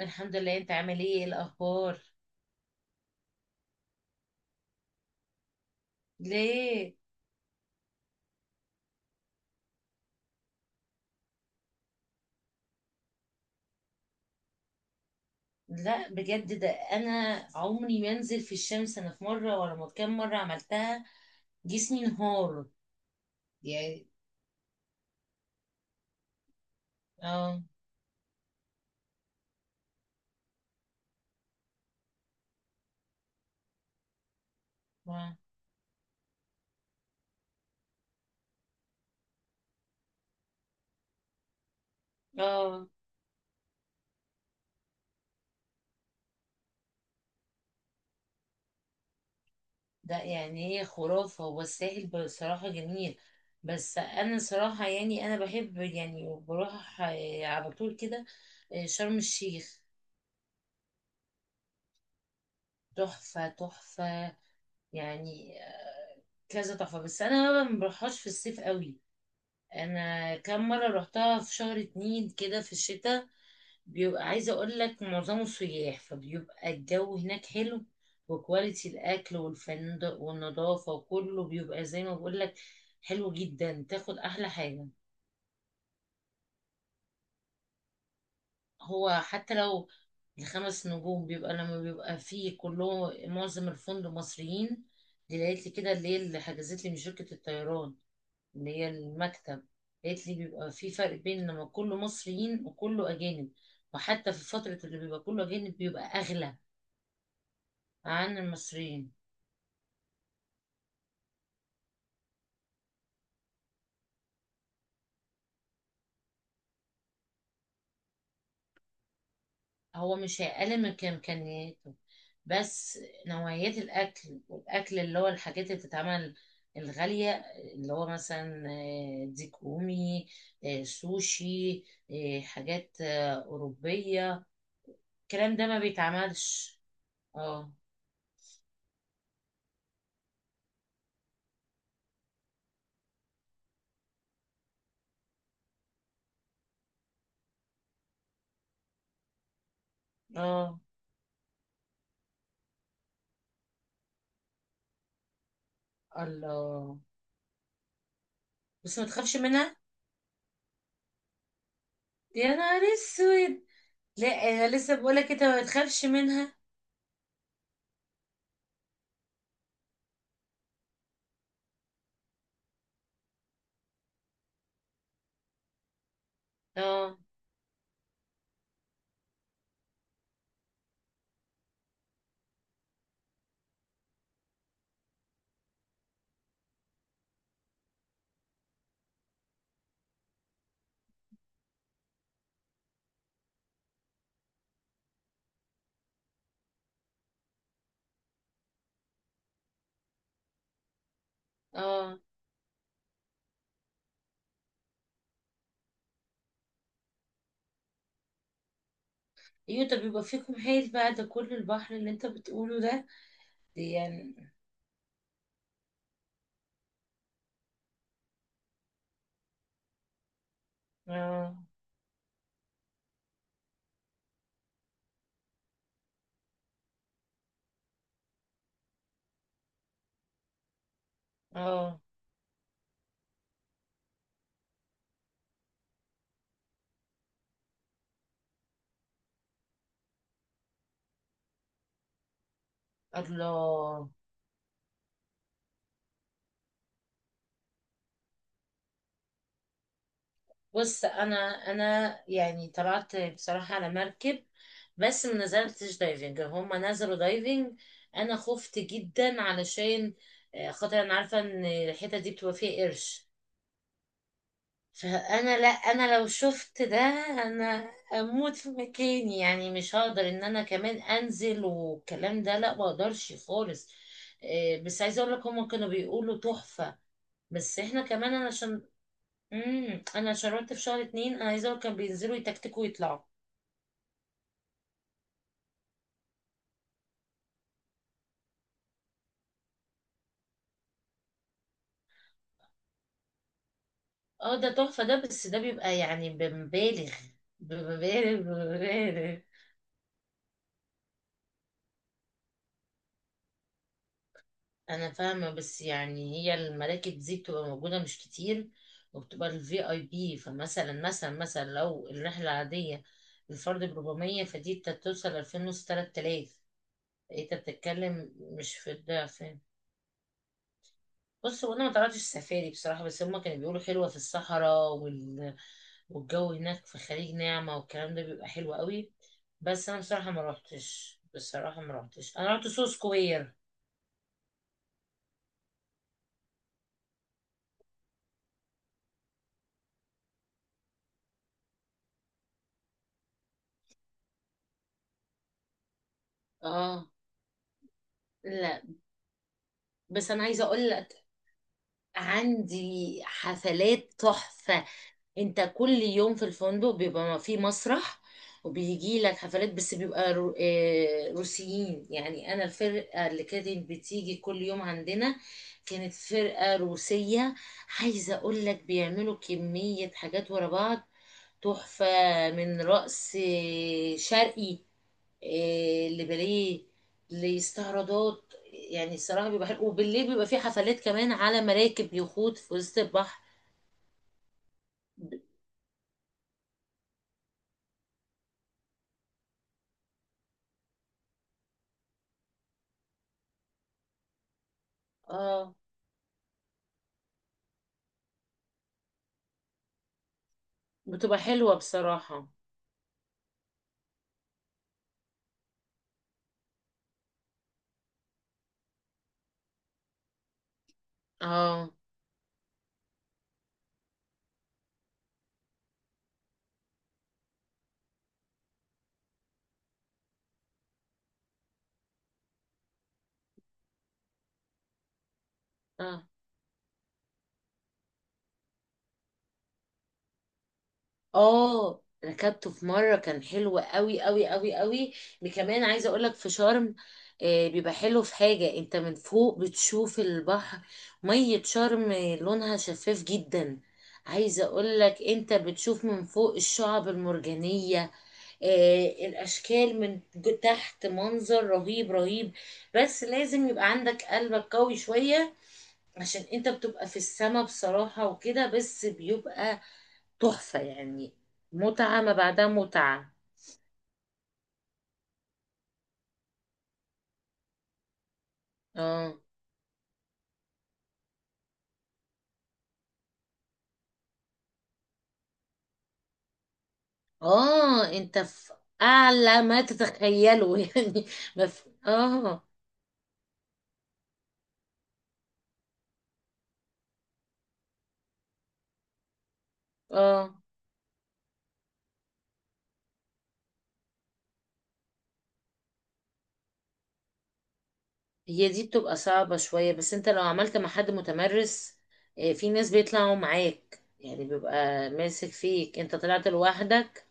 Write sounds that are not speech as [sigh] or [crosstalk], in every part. الحمد لله، انت عامل ايه؟ ايه الاخبار؟ ليه؟ لا بجد، ده انا عمري ما انزل في الشمس. انا في مره ولا ما كام مره عملتها، جسمي انهار. يعني. اه. اه. آه. ده يعني هي خرافه، هو الساحل بصراحه جميل. بس انا صراحه يعني انا بحب يعني بروح على طول كده. شرم الشيخ تحفه تحفه يعني. كذا تحفه، بس انا ما بروحهاش في الصيف قوي. انا كام مره روحتها في شهر اتنين كده في الشتاء. بيبقى عايزه اقول لك معظمه سياح، فبيبقى الجو هناك حلو، وكواليتي الاكل والفندق والنظافه وكله بيبقى زي ما بقول لك حلو جدا، تاخد احلى حاجه. هو حتى لو الخمس نجوم بيبقى لما بيبقى فيه كله، معظم الفندق مصريين. دي لقيت لي كده اللي هي اللي حجزت لي من شركه الطيران، اللي هي المكتب، قالت لي بيبقى في فرق بين لما كله مصريين وكله أجانب، وحتى في فترة اللي بيبقى كله أجانب بيبقى أغلى عن المصريين. هو مش هيقلل من إمكانياته، بس نوعيات الأكل، والأكل اللي هو الحاجات اللي بتتعمل الغالية، اللي هو مثلا ديك رومي، سوشي، حاجات أوروبية، الكلام ده ما بيتعملش. اه. اه. الله! بس ما تخافش منها. يا نهار اسود! لا انا لسه بقولك انت ما تخافش منها. اه. اه. ايوه، طب يبقى فيكم حيل بقى، ده كل البحر اللي انت بتقوله ده. دي يعني. اه. اه. الله! بص، انا يعني طلعت بصراحة على مركب، بس ما نزلتش دايفنج، هما نزلوا دايفنج. انا خفت جدا، علشان خاطر انا عارفة ان الحتة دي بتبقى فيها قرش. فانا لا، انا لو شفت ده، انا اموت في مكاني، يعني مش هقدر ان انا كمان انزل والكلام ده. لا، ما اقدرش خالص. إيه، بس عايزه اقول لك هما كانوا بيقولوا تحفه. بس احنا كمان انا عشان انا شربت في شهر اتنين، انا عايزه اقول كانوا بينزلوا يتكتكوا ويطلعوا. اه، ده تحفه ده، بس ده بيبقى يعني بمبالغ بمبالغ بمبالغ. انا فاهمه، بس يعني هي المراكب دي بتبقى موجوده مش كتير، وبتبقى الفي اي بي. فمثلا مثلا مثلا لو الرحله عاديه الفرد ب 400، فدي انت بتوصل 2000 ونص، 3000، انت بتتكلم مش في الضعف يعني. بص، هو انا ما طلعتش سفاري بصراحه، بس هما كانوا بيقولوا حلوه في الصحراء والجو هناك في خليج نعمه والكلام ده بيبقى حلو قوي. بس انا بصراحه ما روحتش، انا رحت سو سكوير. اه. لا، بس انا عايزه اقول لك عندي حفلات تحفة. انت كل يوم في الفندق بيبقى في مسرح، وبيجي لك حفلات، بس بيبقى رو... آه، روسيين. يعني انا الفرقة اللي كانت بتيجي كل يوم عندنا كانت فرقة روسية. عايزة اقول لك بيعملوا كمية حاجات ورا بعض تحفة، من رقص شرقي، إيه، لباليه، لاستعراضات. يعني الصراحة بيبقى حلو، وبالليل بيبقى في حفلات كمان على مراكب يخوت في وسط البحر. ب- اه، بتبقى حلوة بصراحة. اه. اه. اه، ركبته في مرة، كان حلو قوي قوي قوي قوي. كمان عايزة اقولك في شرم بيبقى حلو في حاجة، انت من فوق بتشوف البحر، مية شرم لونها شفاف جدا. عايزة اقولك انت بتشوف من فوق الشعب المرجانية، الاشكال من تحت، منظر رهيب رهيب، بس لازم يبقى عندك قلبك قوي شوية، عشان انت بتبقى في السما بصراحة وكده، بس بيبقى تحفة يعني. متعة ما بعدها متعة. اه. اه. انت في اعلى ما تتخيله [laughs] يعني. ما في. اه. اه. هي دي بتبقى صعبة شوية، بس انت لو عملت مع حد متمرس. في ناس بيطلعوا معاك، يعني بيبقى ماسك فيك، انت طلعت لوحدك.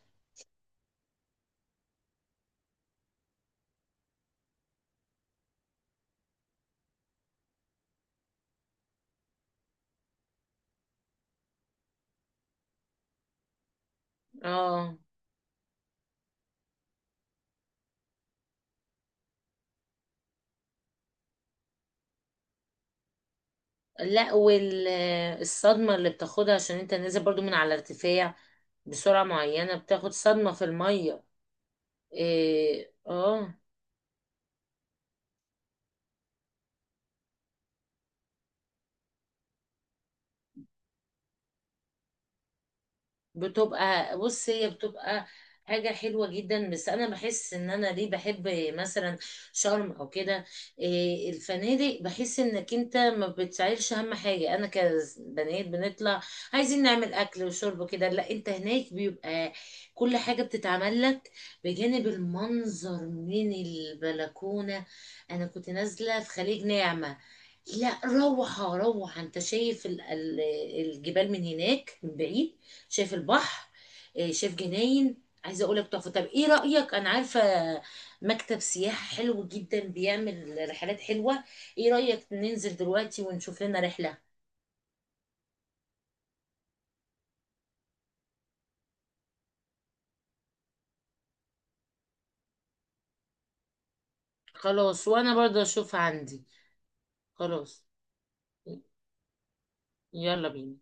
اه. لا، والصدمة اللي بتاخدها، عشان انت نازل برضو من على ارتفاع بسرعة معينة، بتاخد صدمة في المية. إيه، اه. بتبقى بص، هي بتبقى حاجة حلوة جدا، بس أنا بحس إن أنا ليه بحب مثلا شرم أو كده. إيه، الفنادق، بحس إنك أنت ما بتشعرش. أهم حاجة، أنا كبنات بنطلع عايزين نعمل أكل وشرب كده. لا، أنت هناك بيبقى كل حاجة بتتعمل لك، بجانب المنظر من البلكونة. أنا كنت نازلة في خليج نعمة. لا، روعة روعة، أنت شايف الجبال من هناك من بعيد، شايف البحر، شايف جناين. عايزه اقول لك تحفه. طب ايه رايك، انا عارفه مكتب سياحه حلو جدا بيعمل رحلات حلوه. ايه رايك ننزل دلوقتي ونشوف لنا رحله؟ خلاص، وانا برضه اشوف عندي. خلاص، يلا بينا.